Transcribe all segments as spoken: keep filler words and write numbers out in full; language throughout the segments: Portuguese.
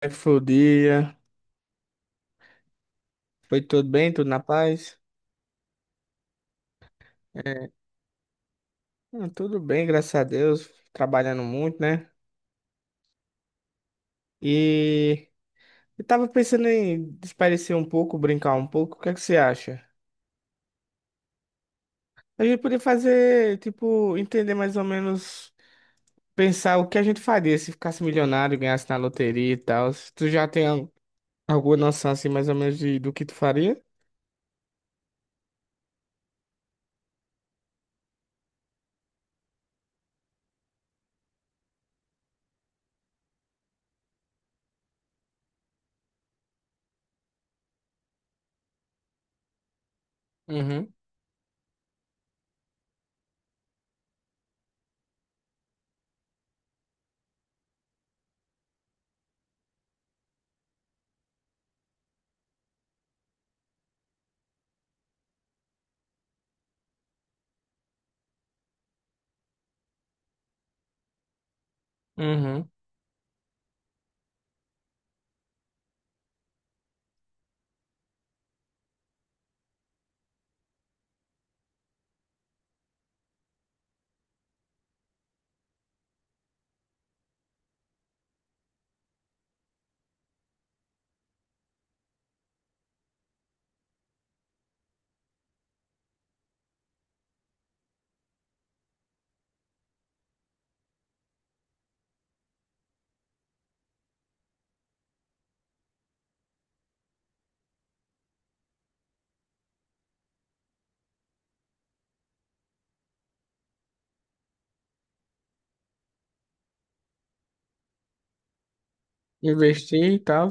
Como é que foi o dia? Foi tudo bem? Tudo na paz? É, hum, tudo bem, graças a Deus. Trabalhando muito, né? E eu tava pensando em desaparecer um pouco, brincar um pouco. O que é que você acha? A gente podia fazer, tipo, entender mais ou menos, pensar o que a gente faria se ficasse milionário, ganhasse na loteria e tal. Tu já tem al- alguma noção, assim, mais ou menos de, do que tu faria? Uhum, uhum. Investir e tal?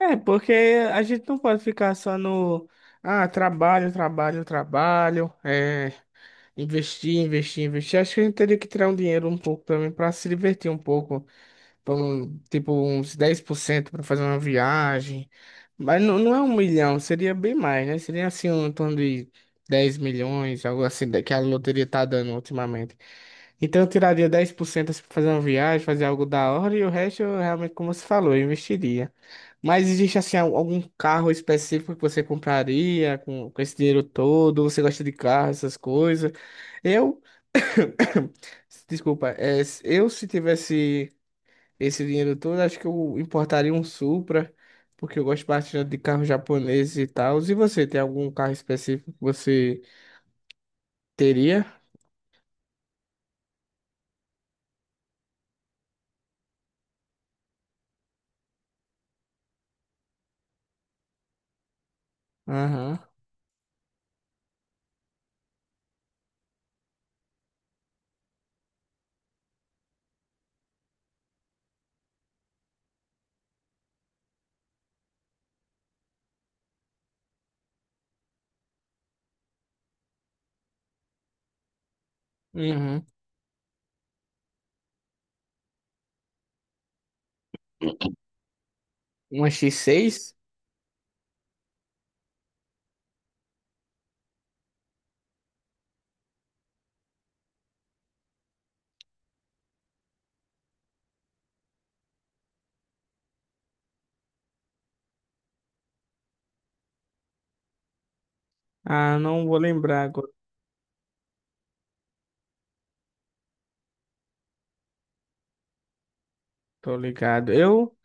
É, porque a gente não pode ficar só no. Ah, trabalho, trabalho, trabalho. É, investir, investir, investir. Acho que a gente teria que tirar um dinheiro um pouco também para se divertir um pouco. pra um- Tipo, uns dez por cento para fazer uma viagem. Mas não, não é um milhão, seria bem mais, né? Seria assim, um em torno de dez milhões, algo assim, da- que a loteria tá dando ultimamente. Então eu tiraria dez por cento assim pra fazer uma viagem, fazer algo da hora, e o resto eu realmente, como você falou, eu investiria. Mas existe assim al- algum carro específico que você compraria com, com esse dinheiro todo? Você gosta de carro, essas coisas? Eu, desculpa, é, s- eu se tivesse esse dinheiro todo, acho que eu importaria um Supra, porque eu gosto bastante de carro japonês e tal. E você, tem algum carro específico que você teria? Aham. Uhum. Uma X seis? Ah, não vou lembrar agora, tô ligado. Eu,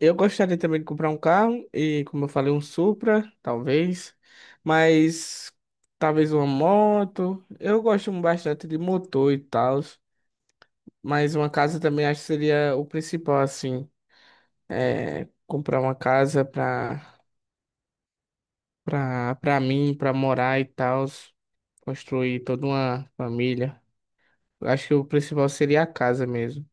eu gostaria também de comprar um carro e, como eu falei, um Supra, talvez, mas talvez uma moto. Eu gosto bastante de motor e tal, mas uma casa também acho que seria o principal, assim, é comprar uma casa pra, pra, pra mim, pra morar e tal, construir toda uma família. Eu Acho que o principal seria a casa mesmo.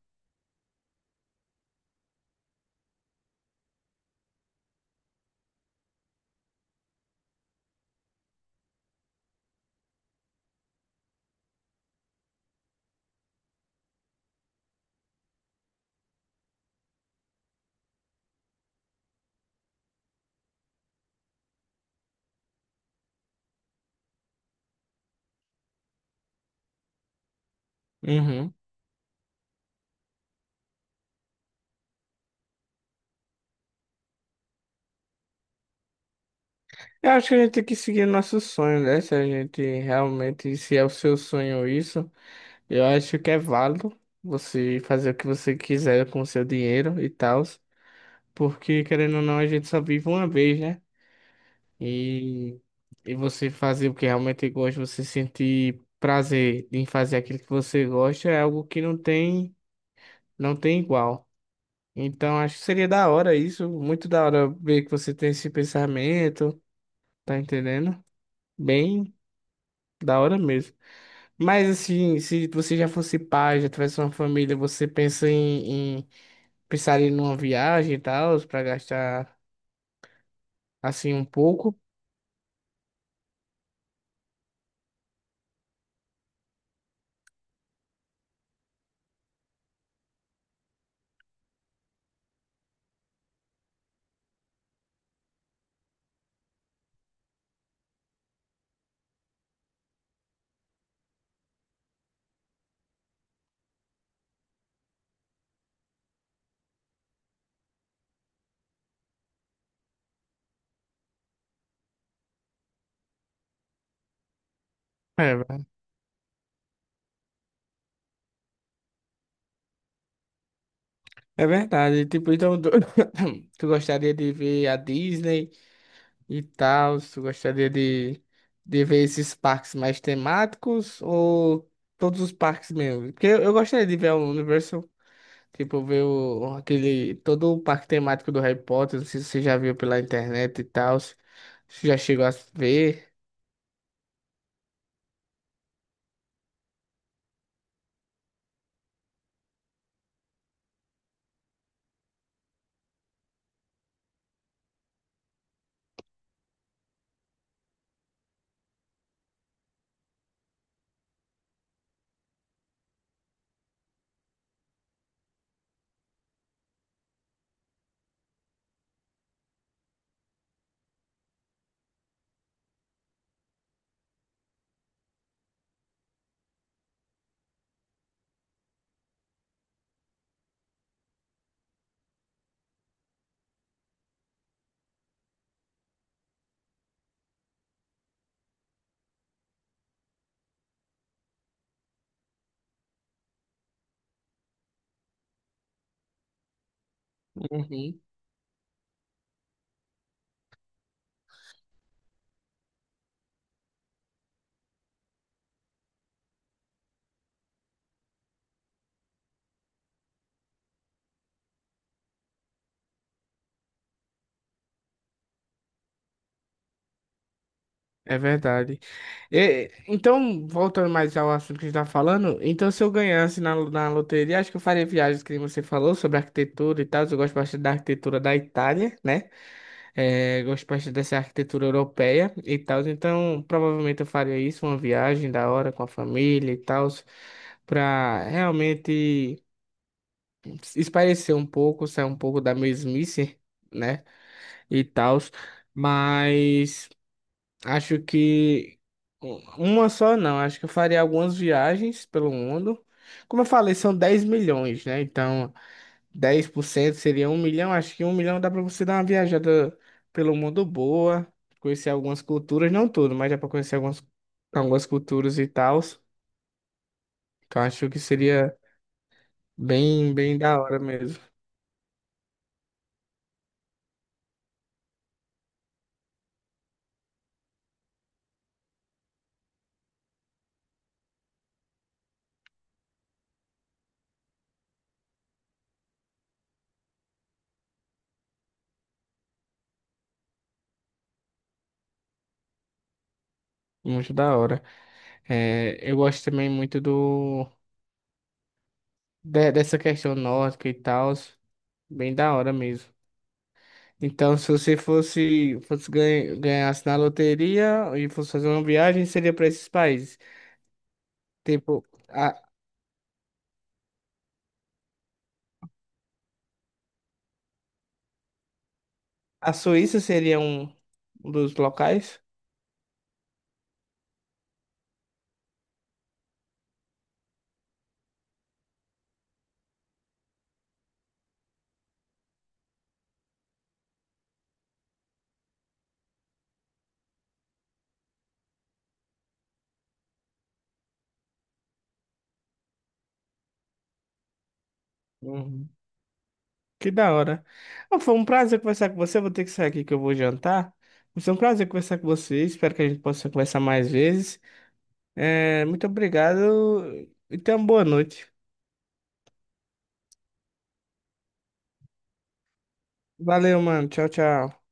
Uhum. Eu acho que a gente tem que seguir nosso sonho, né? Se a gente realmente, se é o seu sonho isso, eu acho que é válido você fazer o que você quiser com o seu dinheiro e tal, porque querendo ou não, a gente só vive uma vez, né? E, e você fazer o que realmente gosta, você sentir prazer em fazer aquilo que você gosta, é algo que não tem, não tem igual. Então, acho que seria da hora isso, muito da hora ver que você tem esse pensamento, tá entendendo? Bem da hora mesmo. Mas assim, se você já fosse pai, já tivesse uma família, você pensa em, em pensaria numa viagem e tal, pra gastar assim um pouco? É, ver- é verdade. Tipo, então tu, tu gostaria de ver a Disney e tal, tu gostaria de, de ver esses parques mais temáticos ou todos os parques mesmo? Porque eu, eu gostaria de ver a Universal. Tipo, ver o, aquele, todo o parque temático do Harry Potter, não sei se você já viu pela internet e tal, se se já chegou a ver. Uhum. É verdade. E- então, voltando mais ao assunto que a gente tá falando, então se eu ganhasse na, na loteria, acho que eu faria viagens que nem você falou sobre arquitetura e tal. Eu gosto bastante da arquitetura da Itália, né? É, gosto bastante dessa arquitetura europeia e tal. Então, provavelmente eu faria isso, uma viagem da hora com a família e tal, pra realmente. Espairecer um pouco, sair um pouco da mesmice, né? E tal, mas acho que u- uma só não, acho que eu faria algumas viagens pelo mundo. Como eu falei, são dez milhões, né? Então, dez por cento seria um milhão. Acho que um milhão dá para você dar uma viajada pelo mundo boa, conhecer algumas culturas, não tudo, mas dá para conhecer algumas, algumas culturas e tal. Então, acho que seria bem, bem da hora mesmo. Muito da hora. É, eu gosto também muito do, de- dessa questão nórdica e tal, bem da hora mesmo. Então, se você fosse, fosse ganha, ganhasse na loteria e fosse fazer uma viagem, seria para esses países. Tipo, a, a Suíça seria um um dos locais. Uhum. Que da hora. Ah, foi um prazer conversar com você. Eu vou ter que sair aqui que eu vou jantar. Mas Foi um prazer conversar com você. Espero que a gente possa conversar mais vezes. É, muito obrigado e tenha uma boa noite. Valeu, mano. Tchau, tchau.